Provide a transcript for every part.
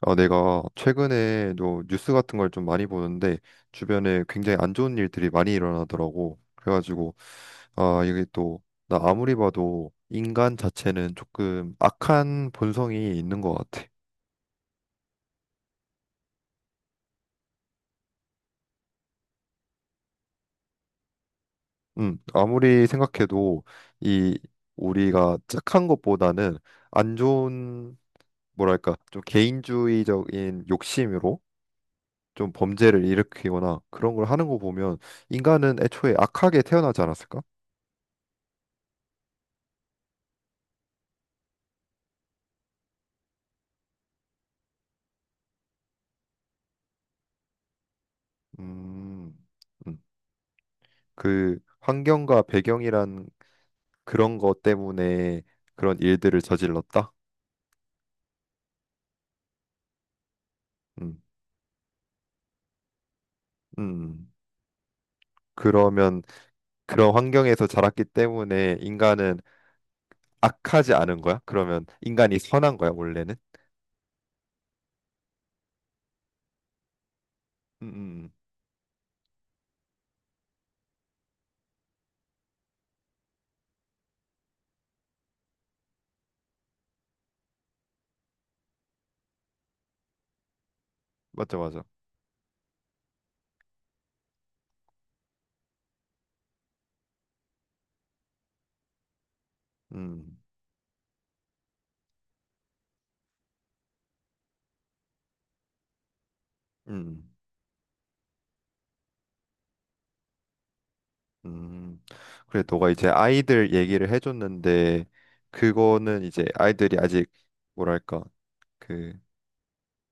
아, 내가 최근에도 뉴스 같은 걸 좀 많이 보는데 주변에 굉장히 안 좋은 일들이 많이 일어나더라고. 그래가지고 아, 이게 또 나 아무리 봐도 인간 자체는 조금 악한 본성이 있는 것 같아. 아무리 생각해도 이 우리가 착한 것보다는 안 좋은, 뭐랄까, 좀 개인주의적인 욕심으로 좀 범죄를 일으키거나 그런 걸 하는 거 보면 인간은 애초에 악하게 태어나지 않았을까? 음, 음. 그 환경과 배경이란 그런 것 때문에 그런 일들을 저질렀다? 음, 음. 음. 그러면 그런 환경에서 자랐기 때문에 인간은 악하지 않은 거야? 그러면 인간이 선한 거야, 원래는? 음. 맞죠, 맞아. 음, 음, 음. 그래, 너가 이제 아이들 얘기를 해줬는데, 그거는 이제 아이들이 아직, 뭐랄까, 그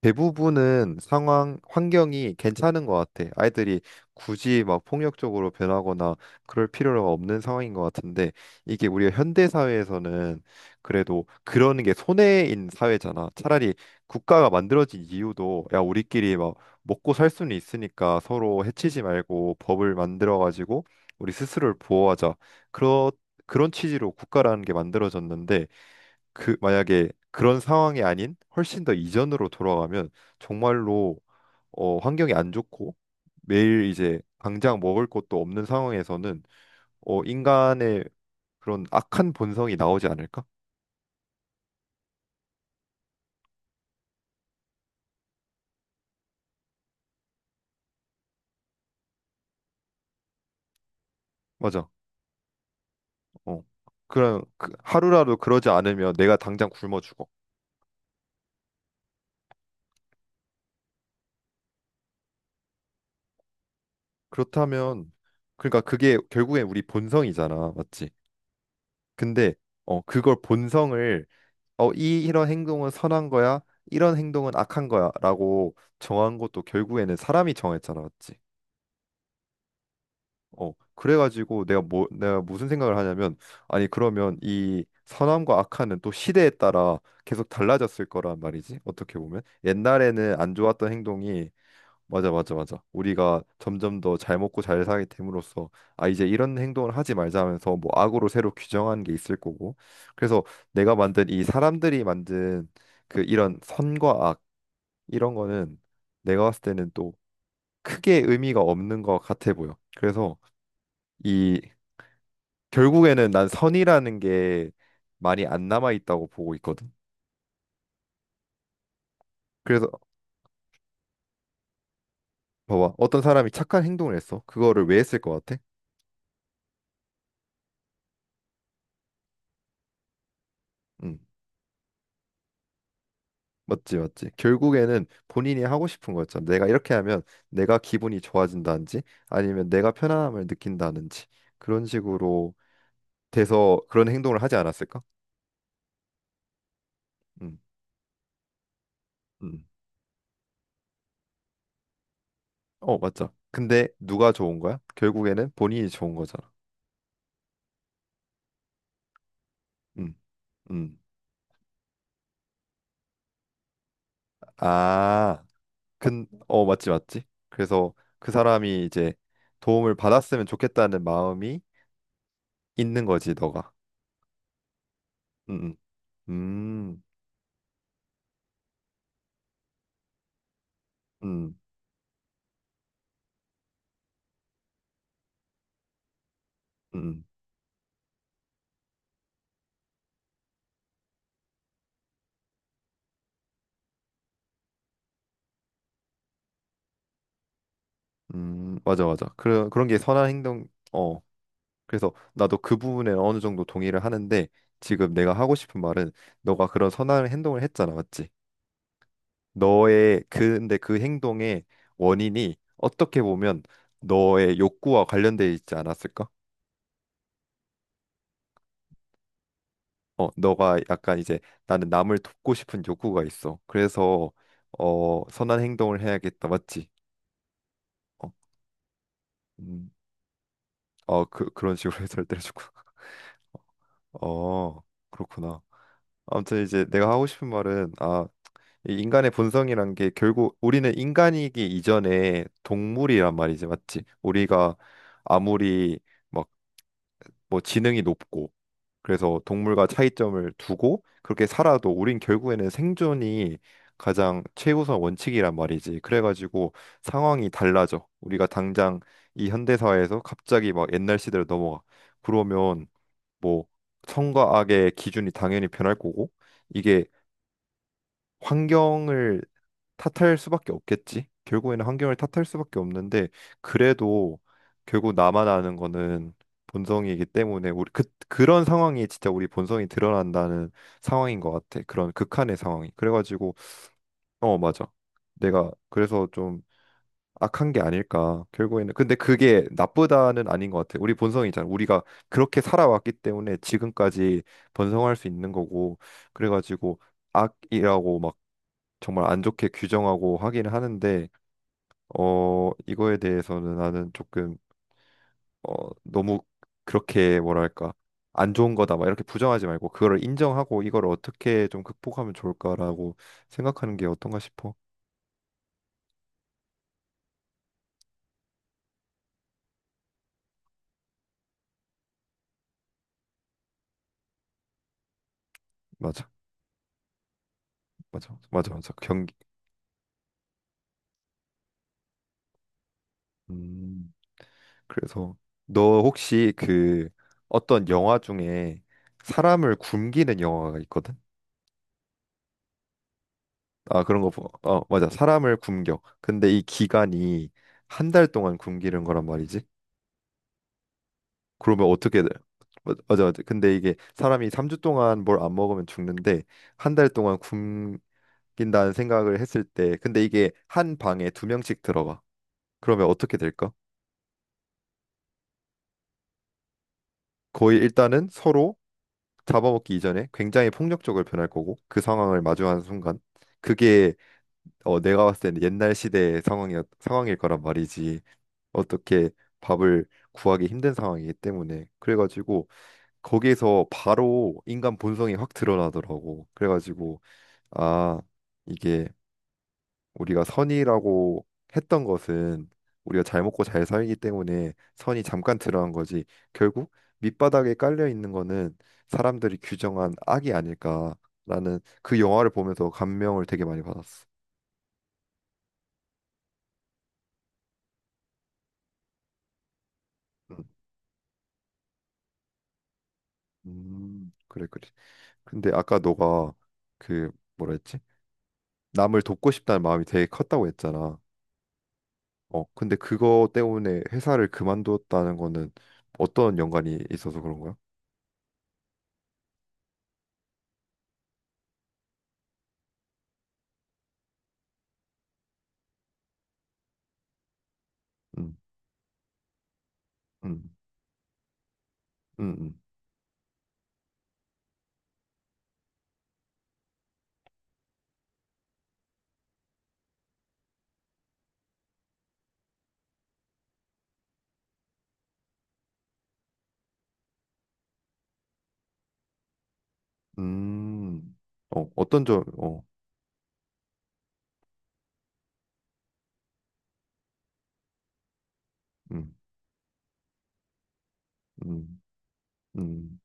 대부분은 상황, 환경이 괜찮은 것 같아. 아이들이 굳이 막 폭력적으로 변하거나 그럴 필요가 없는 상황인 것 같은데, 이게 우리가 현대 사회에서는 그래도 그러는 게 손해인 사회잖아. 차라리 국가가 만들어진 이유도, 야, 우리끼리 막 먹고 살 수는 있으니까 서로 해치지 말고 법을 만들어 가지고 우리 스스로를 보호하자, 그런 그런 취지로 국가라는 게 만들어졌는데, 그 만약에 그런 상황이 아닌 훨씬 더 이전으로 돌아가면 정말로, 어, 환경이 안 좋고 매일 이제 당장 먹을 것도 없는 상황에서는, 어, 인간의 그런 악한 본성이 나오지 않을까? 맞아. 어. 그런 그 하루라도 그러지 않으면 내가 당장 굶어 죽어. 그렇다면, 그러니까 그게 결국엔 우리 본성이잖아. 맞지? 근데 어, 그걸, 본성을, 어, 이 이런 행동은 선한 거야, 이런 행동은 악한 거야라고 정한 것도 결국에는 사람이 정했잖아, 맞지? 어, 그래가지고 내가, 뭐, 내가 무슨 생각을 하냐면, 아니 그러면 이 선함과 악함은 또 시대에 따라 계속 달라졌을 거란 말이지. 어떻게 보면 옛날에는 안 좋았던 행동이 맞아, 맞아, 맞아. 우리가 점점 더 잘 먹고 잘 살게 됨으로써 아, 이제 이런 행동을 하지 말자 하면서 뭐 악으로 새로 규정한 게 있을 거고. 그래서 내가 만든 이 사람들이 만든 그 이런 선과 악, 이런 거는 내가 봤을 때는 또 크게 의미가 없는 것 같아 보여. 그래서 이, 결국에는 난 선이라는 게 많이 안 남아 있다고 보고 있거든. 그래서 봐봐, 어떤 사람이 착한 행동을 했어. 그거를 왜 했을 것 같아? 응. 맞지, 맞지. 결국에는 본인이 하고 싶은 거였잖아. 내가 이렇게 하면 내가 기분이 좋아진다든지 아니면 내가 편안함을 느낀다든지 그런 식으로 돼서 그런 행동을 하지 않았을까? 음, 음. 어, 맞죠. 근데 누가 좋은 거야? 결국에는 본인이 좋은 거잖아. 음, 음. 아, 어, 맞지, 맞지. 그래서 그 사람이 이제 도움을 받았으면 좋겠다는 마음이 있는 거지, 너가. 음, 음, 음, 음. 음. 맞아, 맞아. 그런 그런 게 선한 행동. 어. 그래서 나도 그 부분에 어느 정도 동의를 하는데, 지금 내가 하고 싶은 말은, 너가 그런 선한 행동을 했잖아, 맞지? 너의 그, 근데 그 행동의 원인이 어떻게 보면 너의 욕구와 관련돼 있지 않았을까? 어, 너가 약간 이제 나는 남을 돕고 싶은 욕구가 있어, 그래서, 어, 선한 행동을 해야겠다, 맞지? 어, 음, 어, 그런 식으로 해설을 해주고. 어, 그렇구나. 아무튼 이제 내가 하고 싶은 말은, 아, 이 인간의 본성이란 게, 결국 우리는 인간이기 이전에 동물이란 말이지, 맞지? 우리가 아무리 막 뭐 지능이 높고 그래서 동물과 차이점을 두고 그렇게 살아도 우린 결국에는 생존이 가장 최우선 원칙이란 말이지. 그래가지고 상황이 달라져. 우리가 당장 이 현대 사회에서 갑자기 막 옛날 시대로 넘어가. 그러면 뭐 선과 악의 기준이 당연히 변할 거고, 이게 환경을 탓할 수밖에 없겠지. 결국에는 환경을 탓할 수밖에 없는데, 그래도 결국 나만 아는 거는 본성이기 때문에, 우리 그 그런 상황이 진짜 우리 본성이 드러난다는 상황인 것 같아. 그런 극한의 상황이. 그래가지고 어 맞아. 내가 그래서 좀 악한 게 아닐까. 결국에는, 근데 그게 나쁘다는 아닌 것 같아. 우리 본성이잖아. 우리가 그렇게 살아왔기 때문에 지금까지 번성할 수 있는 거고. 그래가지고 악이라고 막 정말 안 좋게 규정하고 하긴 하는데, 어, 이거에 대해서는 나는 조금, 어, 너무 그렇게, 뭐랄까, 안 좋은 거다 막 이렇게 부정하지 말고 그거를 인정하고 이걸 어떻게 좀 극복하면 좋을까라고 생각하는 게 어떤가 싶어. 맞아, 맞아, 맞아, 맞아. 경기. 음. 그래서 너 혹시 그 어떤 영화 중에 사람을 굶기는 영화가 있거든? 아, 그런 거 보. 어, 맞아. 사람을 굶겨. 근데 이 기간이 한 달 동안 굶기는 거란 말이지. 그러면 어떻게 돼? 맞아, 맞아. 근데 이게 사람이 3주 동안 뭘 안 먹으면 죽는데 한 달 동안 굶긴다는 생각을 했을 때, 근데 이게 한 방에 두 명씩 들어가. 그러면 어떻게 될까? 거의 일단은 서로 잡아먹기 이전에 굉장히 폭력적으로 변할 거고, 그 상황을 마주하는 순간 그게, 어, 내가 봤을 때는 옛날 시대의 상황이 상황일 거란 말이지. 어떻게 밥을 구하기 힘든 상황이기 때문에. 그래가지고 거기에서 바로 인간 본성이 확 드러나더라고. 그래가지고 아, 이게 우리가 선이라고 했던 것은 우리가 잘 먹고 잘 살기 때문에 선이 잠깐 드러난 거지, 결국 밑바닥에 깔려 있는 거는 사람들이 규정한 악이 아닐까라는, 그 영화를 보면서 감명을 되게 많이 받았어. 음, 그래 그래. 근데 아까 너가 그, 뭐라 했지? 남을 돕고 싶다는 마음이 되게 컸다고 했잖아. 어, 근데 그거 때문에 회사를 그만두었다는 거는 어떤 연관이 있어서 그런 거야? 음, 음, 음, 음, 음. 어, 어떤 점, 어, 음, 음, 음,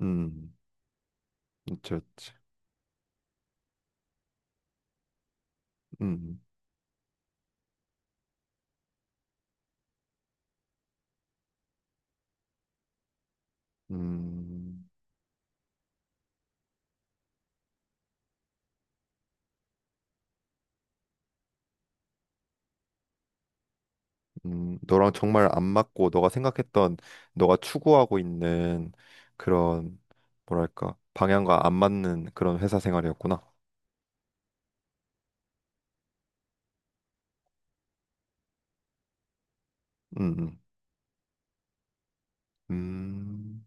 음, 그치, 그치. 음, 음, 너랑 정말 안 맞고, 너가 생각했던, 너가 추구하고 있는 그런, 뭐랄까, 방향과 안 맞는 그런 회사 생활이었구나. 음, 음. 음.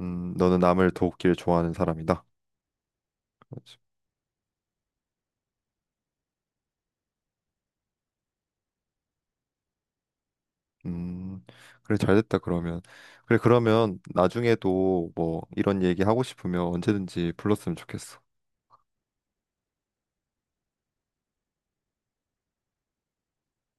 너는 남을 돕기를 좋아하는 사람이다. 그렇지. 음, 그래, 잘 됐다, 그러면. 그래, 그러면 나중에도 뭐 이런 얘기 하고 싶으면 언제든지 불렀으면 좋겠어.